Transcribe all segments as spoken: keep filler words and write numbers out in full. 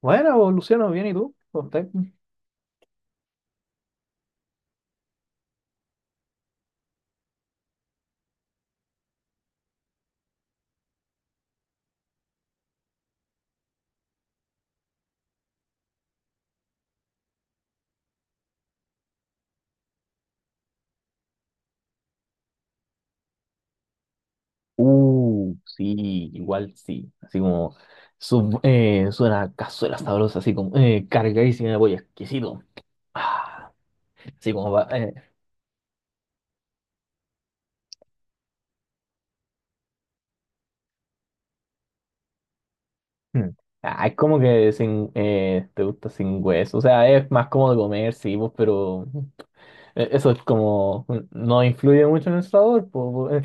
Bueno, pues, Luciano, bien, ¿y tú? ¿Cómo estás? Uh, sí, igual sí. Así como su, eh, suena a cazuela sabrosa, así como eh, cargadísima de pollo, exquisito. Ah, así como va. eh, mm. Ah, es como que sin, eh, te gusta sin hueso. O sea, es más cómodo comer, sí, pues, pero eh, eso es como. No influye mucho en el sabor, pues. pues,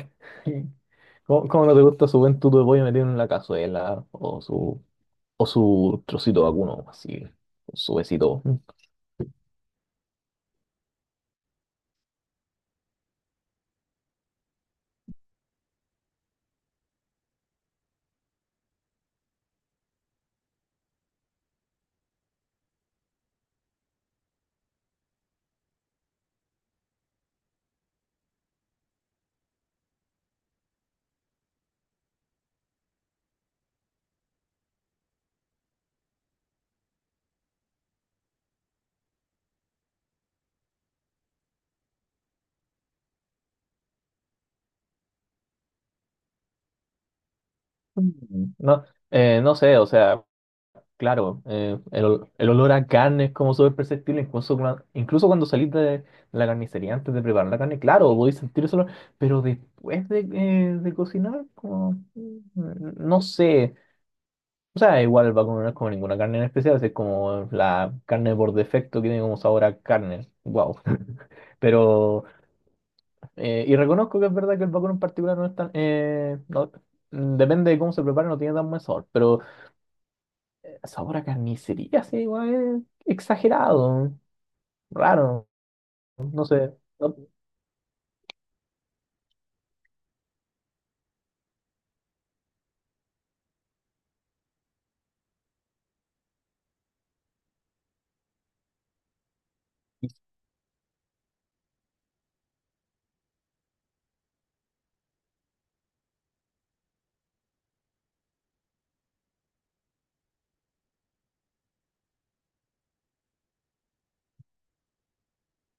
eh. ¿Cómo, cómo no te gusta su buen tuto de pollo metido en la cazuela o su. O su trocito vacuno, así, con su besito. Mm. No, eh, no sé, o sea, claro, eh, el, ol- el olor a carne es como súper perceptible, incluso, cua- incluso cuando salís de la carnicería antes de preparar la carne, claro, podéis sentir ese olor, pero después de, eh, de cocinar, como, mm, no sé. O sea, igual vacuno no es como ninguna carne en especial, es como la carne por defecto que tiene como sabor a carne. Wow. Pero. Eh, y reconozco que es verdad que el vacuno en particular no es tan... eh, no- mm, depende de cómo se prepare, no tiene tan buen sabor, pero sabor a carnicería, sí, igual es exagerado, raro, no sé. ¿No?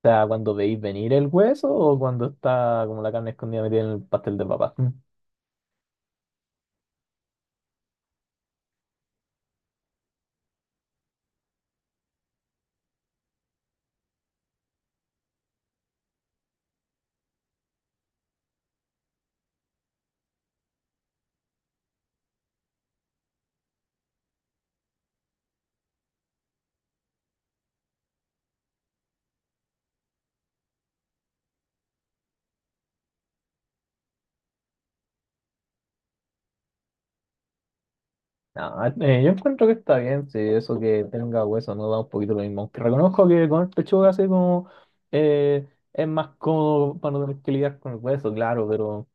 Quizá cuando veis venir el hueso o cuando está como la carne escondida metida en el pastel de papa. Mm. No, eh, yo encuentro que está bien, sí, eso que tenga hueso no da un poquito lo mismo. Aunque reconozco que con el pechuga así como eh, es más cómodo para no tener que lidiar con el hueso, claro, pero...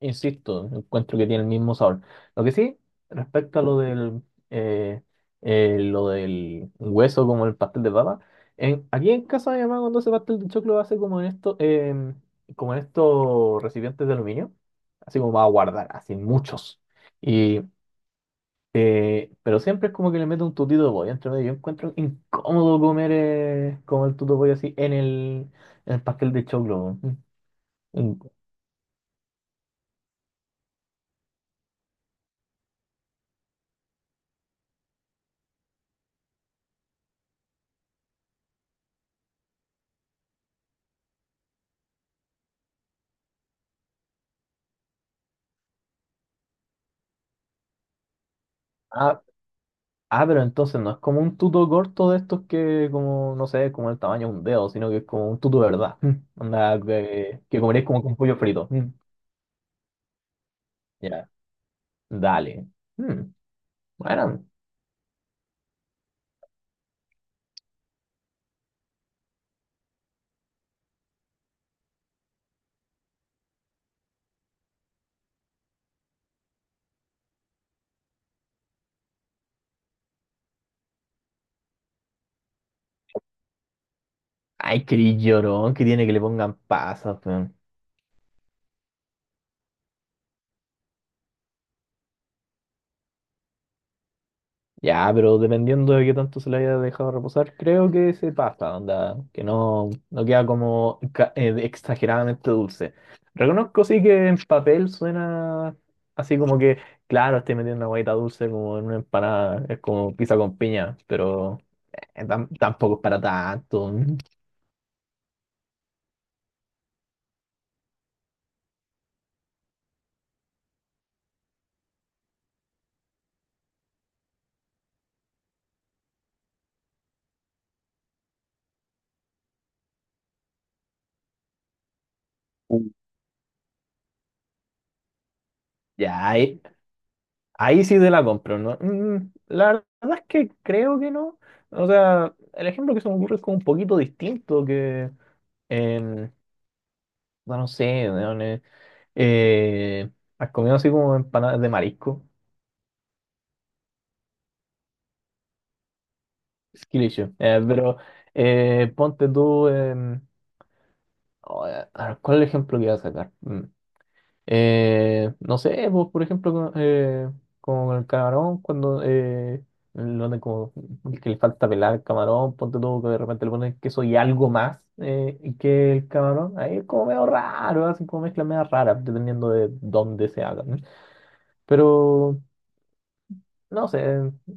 Insisto, encuentro que tiene el mismo sabor. Lo que sí, respecto a lo del, eh, eh, lo del hueso como el pastel de papa, en- aquí en casa mi mamá cuando hace pastel de choclo hace como en esto, em, como en estos recipientes de aluminio, así como va a guardar, así muchos. Y, eh, pero siempre es como que le mete un tutito de pollo entre medio. Yo encuentro incómodo comer eh, como el tuto de pollo así en el, en el pastel de choclo. Mm. Ah, Ah, pero entonces no es como un tuto corto de estos que, como, no sé, como el tamaño de un dedo, sino que es como un tuto de verdad. Mm. Onda, que, que comeréis como con pollo frito. Mm. Ya, dale. Mm, bueno, ay, qué llorón que tiene que le pongan pasas. Ya, pero dependiendo de qué tanto se le haya dejado reposar, creo que se pasa, onda, que no, no queda como ca- eh, exageradamente dulce. Reconozco sí que en papel suena así como que, claro, estoy metiendo una guaita dulce como en una empanada, es como pizza con piña, pero eh, tam- tampoco es para tanto. Mm. Ya, ahí, ahí sí te la compro, ¿no? Mm, la verdad es que creo que no. O sea, el ejemplo que se me ocurre es como un poquito distinto que... No, no sé, weón, eh, eh, has comido así como empanadas de marisco, es que eh, pero eh, ponte tú, em, oh, eh, a ver, ¿cuál es el ejemplo que iba a sacar? Mm. Eh, no sé, vos, por ejemplo, con, eh, con el camarón, cuando eh, lo de como que le falta pelar el camarón, ponte tú que de repente le pones queso y algo más eh, y que el camarón, ahí es como medio raro, así como mezcla medio rara, dependiendo de dónde se haga. ¿No? Pero... No sé,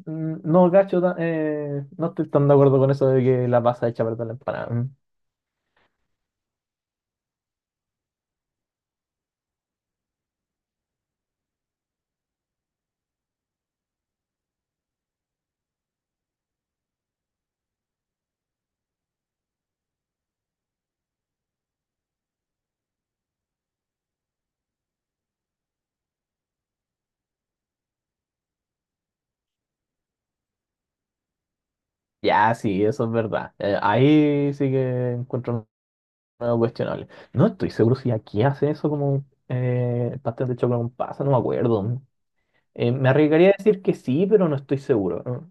mm, no gacho, ta- eh, no estoy tan de acuerdo con eso de que la pasa hecha para la empanada. Mm. Ya, sí, eso es verdad. Eh, ahí sí que encuentro algo cuestionable. No estoy seguro si aquí hace eso como eh, pastel de chocolate con pasa, no me acuerdo. Eh, me arriesgaría a decir que sí, pero no estoy seguro. Mm.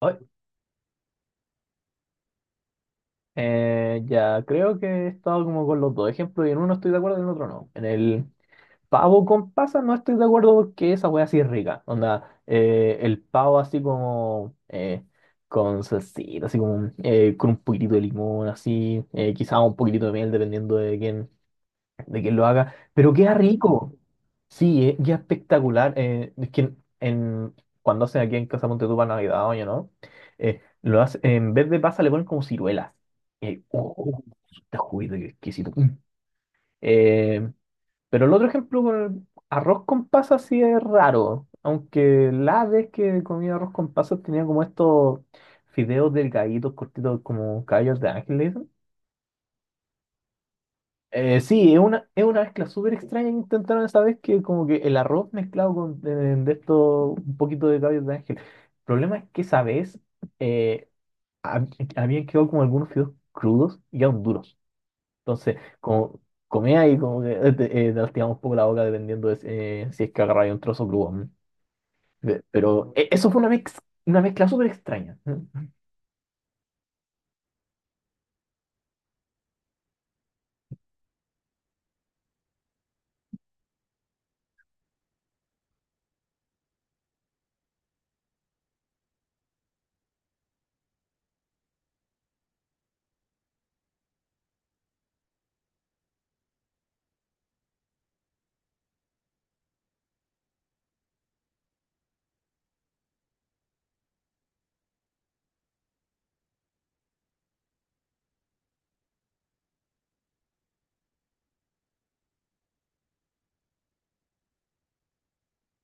Ay, eh, ya, creo que he estado como con los dos ejemplos y en uno estoy de acuerdo y en el otro no. En el pavo con pasa no estoy de acuerdo porque esa wea sí es rica. Onda, eh, el pavo así como eh, con salsita, así como eh, con un poquitito de limón, así, eh, quizá un poquitito de miel dependiendo de quién, de quién lo haga. Pero queda rico. Sí, eh, queda espectacular. Eh, es que en, en- cuando hacen aquí en Casa Monte tú para Navidad, oye, ¿no? Eh, lo hace- en vez de pasa le ponen como ciruelas. Eh, oh, Está juguito, qué exquisito. Mm. Eh, pero el otro ejemplo con el arroz con pasas sí es raro. Aunque la vez que comí arroz con pasas tenía como estos fideos delgaditos, cortitos, como caballos de ángel, le dicen. Eh, sí, es una, es una mezcla súper extraña que intentaron esa vez que como que el arroz mezclado con eh, de esto, un poquito de caballos de ángel. El problema es que esa vez eh, hab- habían quedado como algunos fideos crudos y aún duros. Entonces, como comía y como que eh, te, eh, te lastimaba un poco la boca dependiendo de si eh, si es que agarraba un trozo crudo. ¿No? Ve- Pero eh, eso fue una mez- una mezcla súper extraña. ¿No?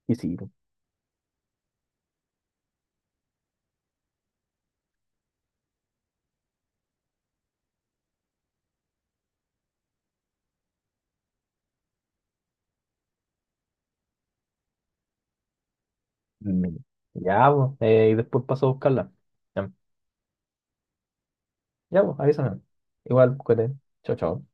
Y sí, pues, mm, ya, pues, eh, y después paso a buscarla. Ya, ya, pues, avísame. Igual, cuídate. Chao, chao.